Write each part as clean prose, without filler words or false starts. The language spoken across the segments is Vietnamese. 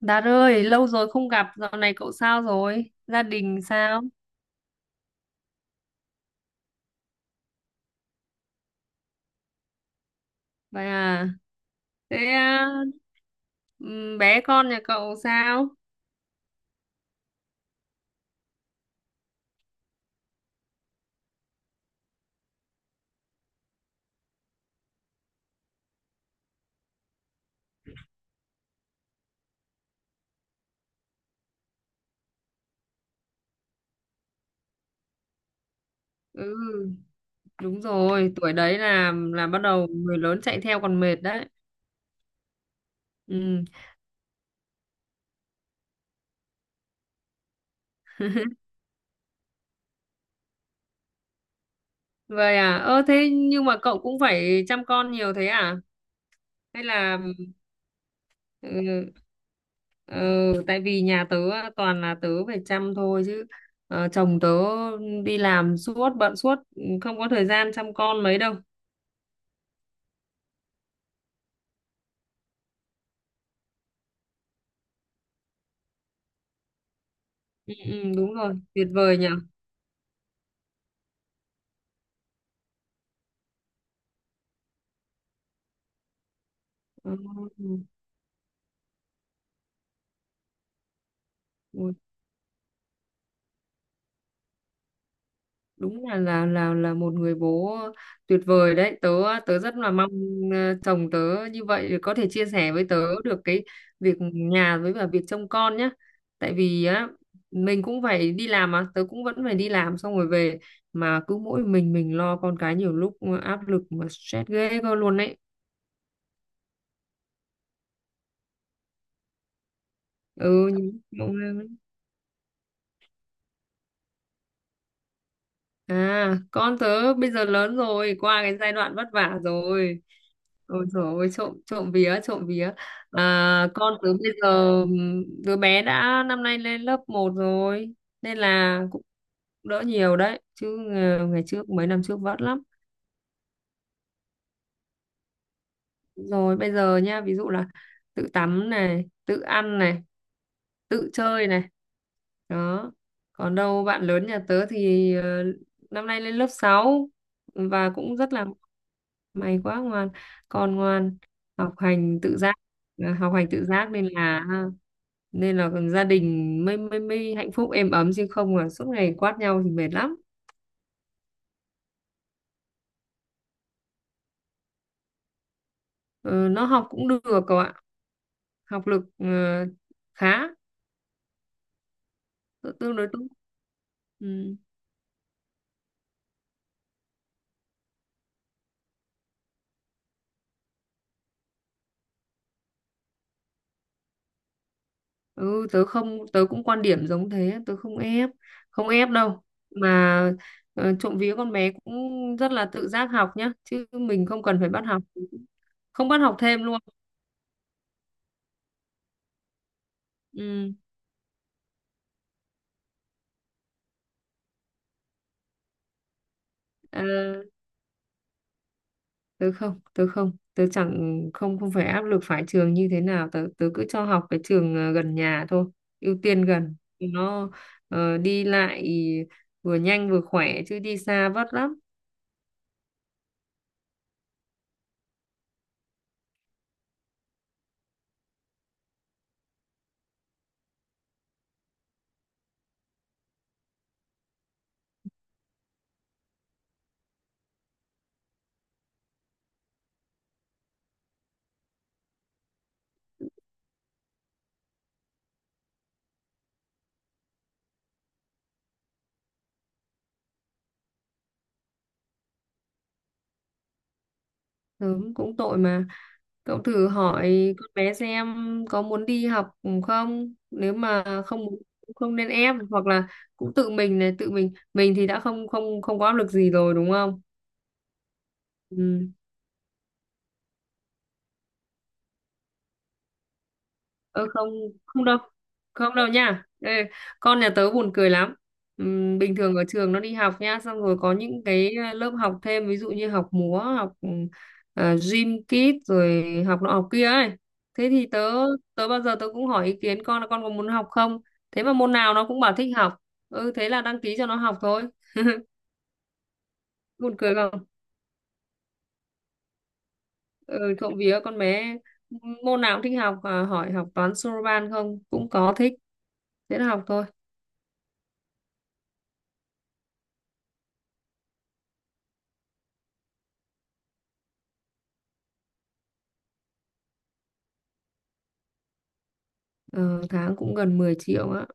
Đạt ơi, lâu rồi không gặp, dạo này cậu sao rồi? Gia đình sao? Vậy à, thế à, bé con nhà cậu sao? Ừ, đúng rồi, tuổi đấy là bắt đầu người lớn chạy theo còn mệt đấy. Ừ, vậy à, ơ thế nhưng mà cậu cũng phải chăm con nhiều thế à? Hay là ừ, ừ, tại vì nhà tớ toàn là tớ phải chăm thôi chứ chồng tớ đi làm suốt bận suốt ừ, không có thời gian chăm con mấy đâu. Ừ, ừ, đúng rồi, tuyệt vời nhỉ. Ừ, ôi, đúng là một người bố tuyệt vời đấy. Tớ tớ rất là mong chồng tớ như vậy để có thể chia sẻ với tớ được cái việc nhà với cả việc trông con nhá. Tại vì á, mình cũng phải đi làm mà, tớ cũng vẫn phải đi làm xong rồi về mà cứ mỗi mình lo con cái, nhiều lúc áp lực mà stress ghê cơ luôn đấy. Ừ, nhiều lúc- con tớ bây giờ lớn rồi, qua cái giai đoạn vất vả rồi. Ôi dồi ôi, trộm trộm vía, trộm vía, à, con tớ bây giờ đứa bé đã năm nay lên lớp 1 rồi, nên là cũng đỡ nhiều đấy chứ. Ngày trước mấy năm trước vất lắm, rồi bây giờ nha, ví dụ là tự tắm này, tự ăn này, tự chơi này, đó. Còn đâu bạn lớn nhà tớ thì năm nay lên lớp 6 và cũng rất là may quá, ngoan, con ngoan, học hành tự giác à, học hành tự giác nên là gia đình mới mới mới hạnh phúc êm ấm, chứ không là suốt ngày quát nhau thì mệt lắm. Ờ, nó học cũng được cậu ạ, học lực khá, tương đối tốt. Ừ. Ừ, tớ không, tớ cũng quan điểm giống thế, tớ không ép, không ép đâu mà trộm vía, con bé cũng rất là tự giác học nhá, chứ mình không cần phải bắt học, không bắt học thêm luôn. Ừ. ờ, Tớ không, tớ không, tớ chẳng, không không phải áp lực phải trường như thế nào, tớ tớ cứ cho học cái trường gần nhà thôi, ưu tiên gần nó, đi lại vừa nhanh vừa khỏe chứ đi xa vất lắm. Sớm cũng tội mà. Cậu thử hỏi con bé xem có muốn đi học không? Nếu mà không muốn cũng không nên ép, hoặc là cũng tự mình này, tự mình thì đã không không không có áp lực gì rồi đúng không? Ừ. Ơ, không, không đâu, không đâu nha. Ê, con nhà tớ buồn cười lắm. Bình thường ở trường nó đi học nha, xong rồi có những cái lớp học thêm, ví dụ như học múa, học gym kit, rồi học nọ học kia ấy. Thế thì tớ tớ bao giờ tớ cũng hỏi ý kiến con là con có muốn học không, thế mà môn nào nó cũng bảo thích học, ừ, thế là đăng ký cho nó học thôi, buồn cười không? Ừ, trộm vía con bé môn nào cũng thích học, à, hỏi học toán Soroban không cũng có thích, thế là học thôi. Ờ, tháng cũng gần 10 triệu á,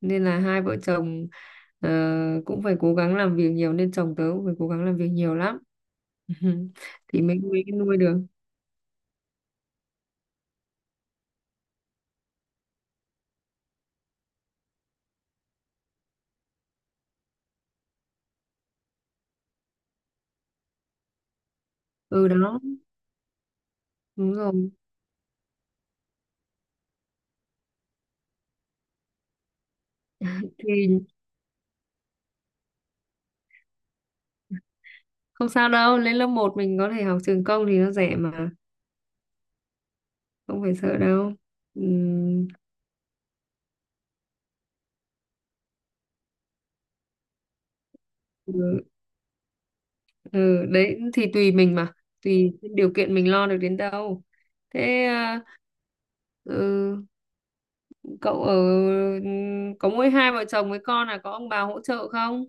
nên là hai vợ chồng ờ, cũng phải cố gắng làm việc nhiều, nên chồng tớ cũng phải cố gắng làm việc nhiều lắm. Thì mới mới nuôi được. Ừ, đó, đúng rồi, thì không sao đâu, lên lớp 1 mình có thể học trường công thì nó rẻ mà, không phải sợ đâu. Ừm, ừ, ừ, đấy thì tùy mình mà, tùy điều kiện mình lo được đến đâu. Thế à, ừ, cậu ở có mỗi hai vợ chồng với con, là có ông bà hỗ trợ không?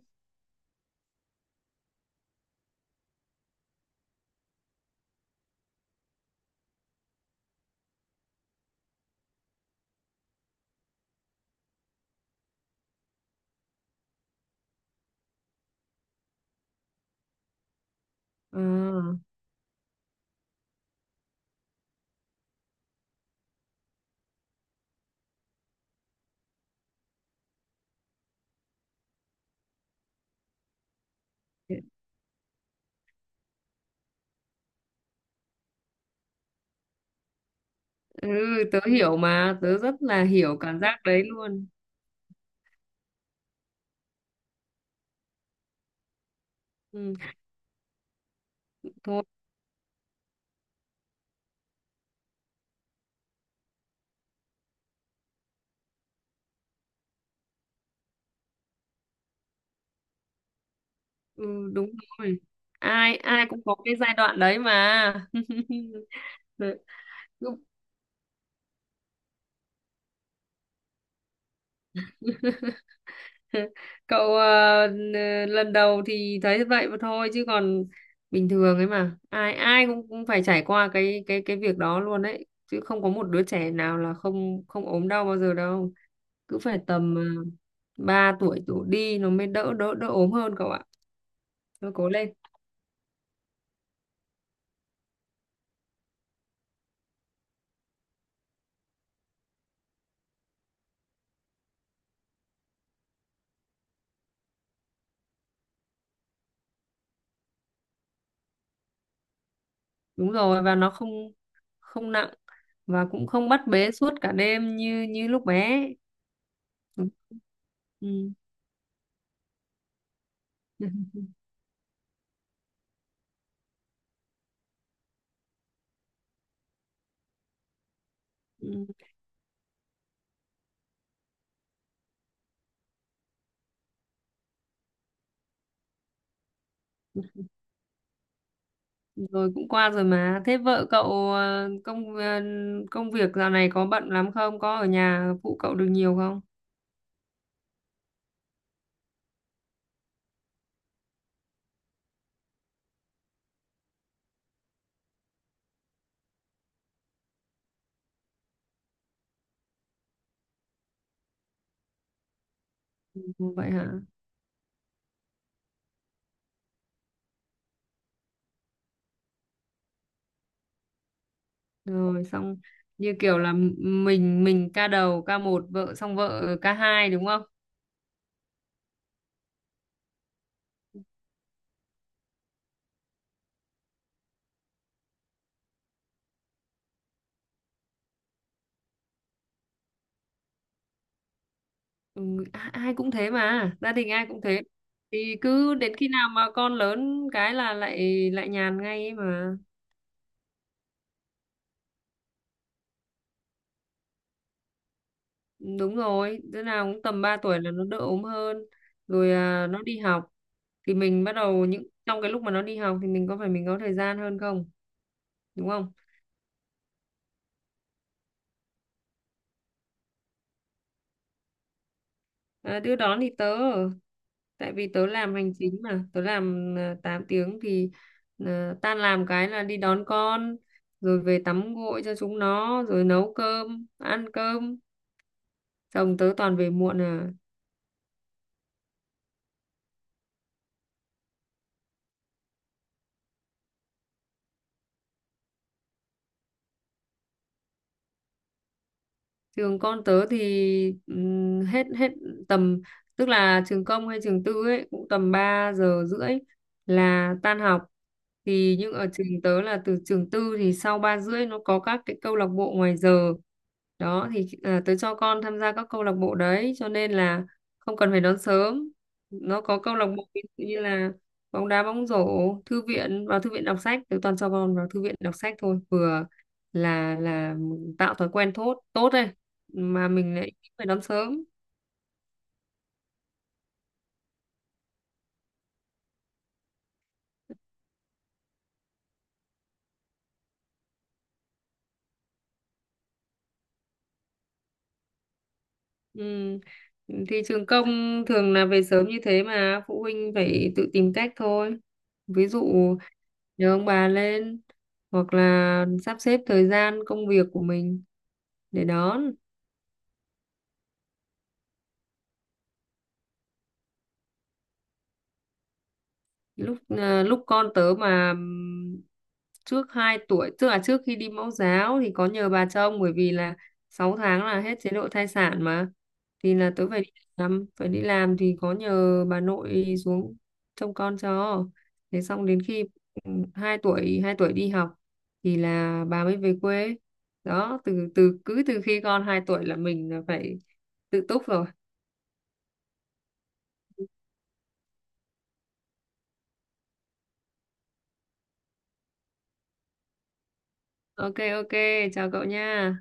Ờ, ừ, tớ hiểu mà, tớ rất là hiểu cảm giác đấy luôn. Ừ, thôi, ừ, đúng rồi. Ai ai cũng có cái giai đoạn đấy mà. Lúc- Cậu lần đầu thì thấy vậy mà thôi, chứ còn bình thường ấy mà. Ai ai cũng phải trải qua cái việc đó luôn đấy, chứ không có một đứa trẻ nào là không không ốm đau bao giờ đâu. Cứ phải tầm 3 tuổi đổ đi nó mới đỡ đỡ đỡ ốm hơn cậu ạ. Thôi cố lên. Đúng rồi, và nó không không nặng, và cũng không bắt bế suốt cả đêm như như lúc bé. Ừ. Ừ. Ừ. Rồi cũng qua rồi mà, thế vợ cậu công việc dạo này có bận lắm không, có ở nhà phụ cậu được nhiều không? Ừ, vậy hả? Rồi xong như kiểu là mình ca đầu, ca một, vợ xong vợ ca hai, đúng không? Ừ, ai cũng thế mà, gia đình ai cũng thế, thì cứ đến khi nào mà con lớn cái là lại lại nhàn ngay ấy mà. Ừ, đúng rồi, đứa nào cũng tầm 3 tuổi là nó đỡ ốm hơn, rồi à, nó đi học, thì mình bắt đầu, những trong cái lúc mà nó đi học thì mình có thời gian hơn, không đúng không? À, đưa đón thì tớ ở- tại vì tớ làm hành chính mà, tớ làm 8 tiếng thì tan làm cái là đi đón con, rồi về tắm gội cho chúng nó rồi nấu cơm ăn cơm. Xong tớ toàn về muộn à. Trường con tớ thì hết hết tầm, tức là trường công hay trường tư ấy cũng tầm 3 giờ rưỡi là tan học, thì nhưng ở trường tớ là, từ trường tư thì sau 3 rưỡi nó có các cái câu lạc bộ ngoài giờ đó, thì à, tớ cho con tham gia các câu lạc bộ đấy, cho nên là không cần phải đón sớm. Nó có câu lạc bộ ví dụ như là bóng đá, bóng rổ, thư viện, vào thư viện đọc sách, tớ toàn cho con vào thư viện đọc sách thôi, vừa là tạo thói quen tốt, tốt đấy, mà mình lại phải đón sớm. Ừ. Thì trường công thường là về sớm như thế, mà phụ huynh phải tự tìm cách thôi, ví dụ nhờ ông bà lên, hoặc là sắp xếp thời gian công việc của mình để đón. Lúc con tớ mà trước 2 tuổi, tức là trước khi đi mẫu giáo, thì có nhờ bà trông, bởi vì là 6 tháng là hết chế độ thai sản mà, thì là tớ phải đi làm, phải đi làm thì có nhờ bà nội xuống trông con cho, thế xong đến khi ừ, hai tuổi đi học thì là bà mới về quê, đó. Từ từ cứ từ khi con 2 tuổi là mình là phải tự túc rồi. Ok, ok, chào cậu nha.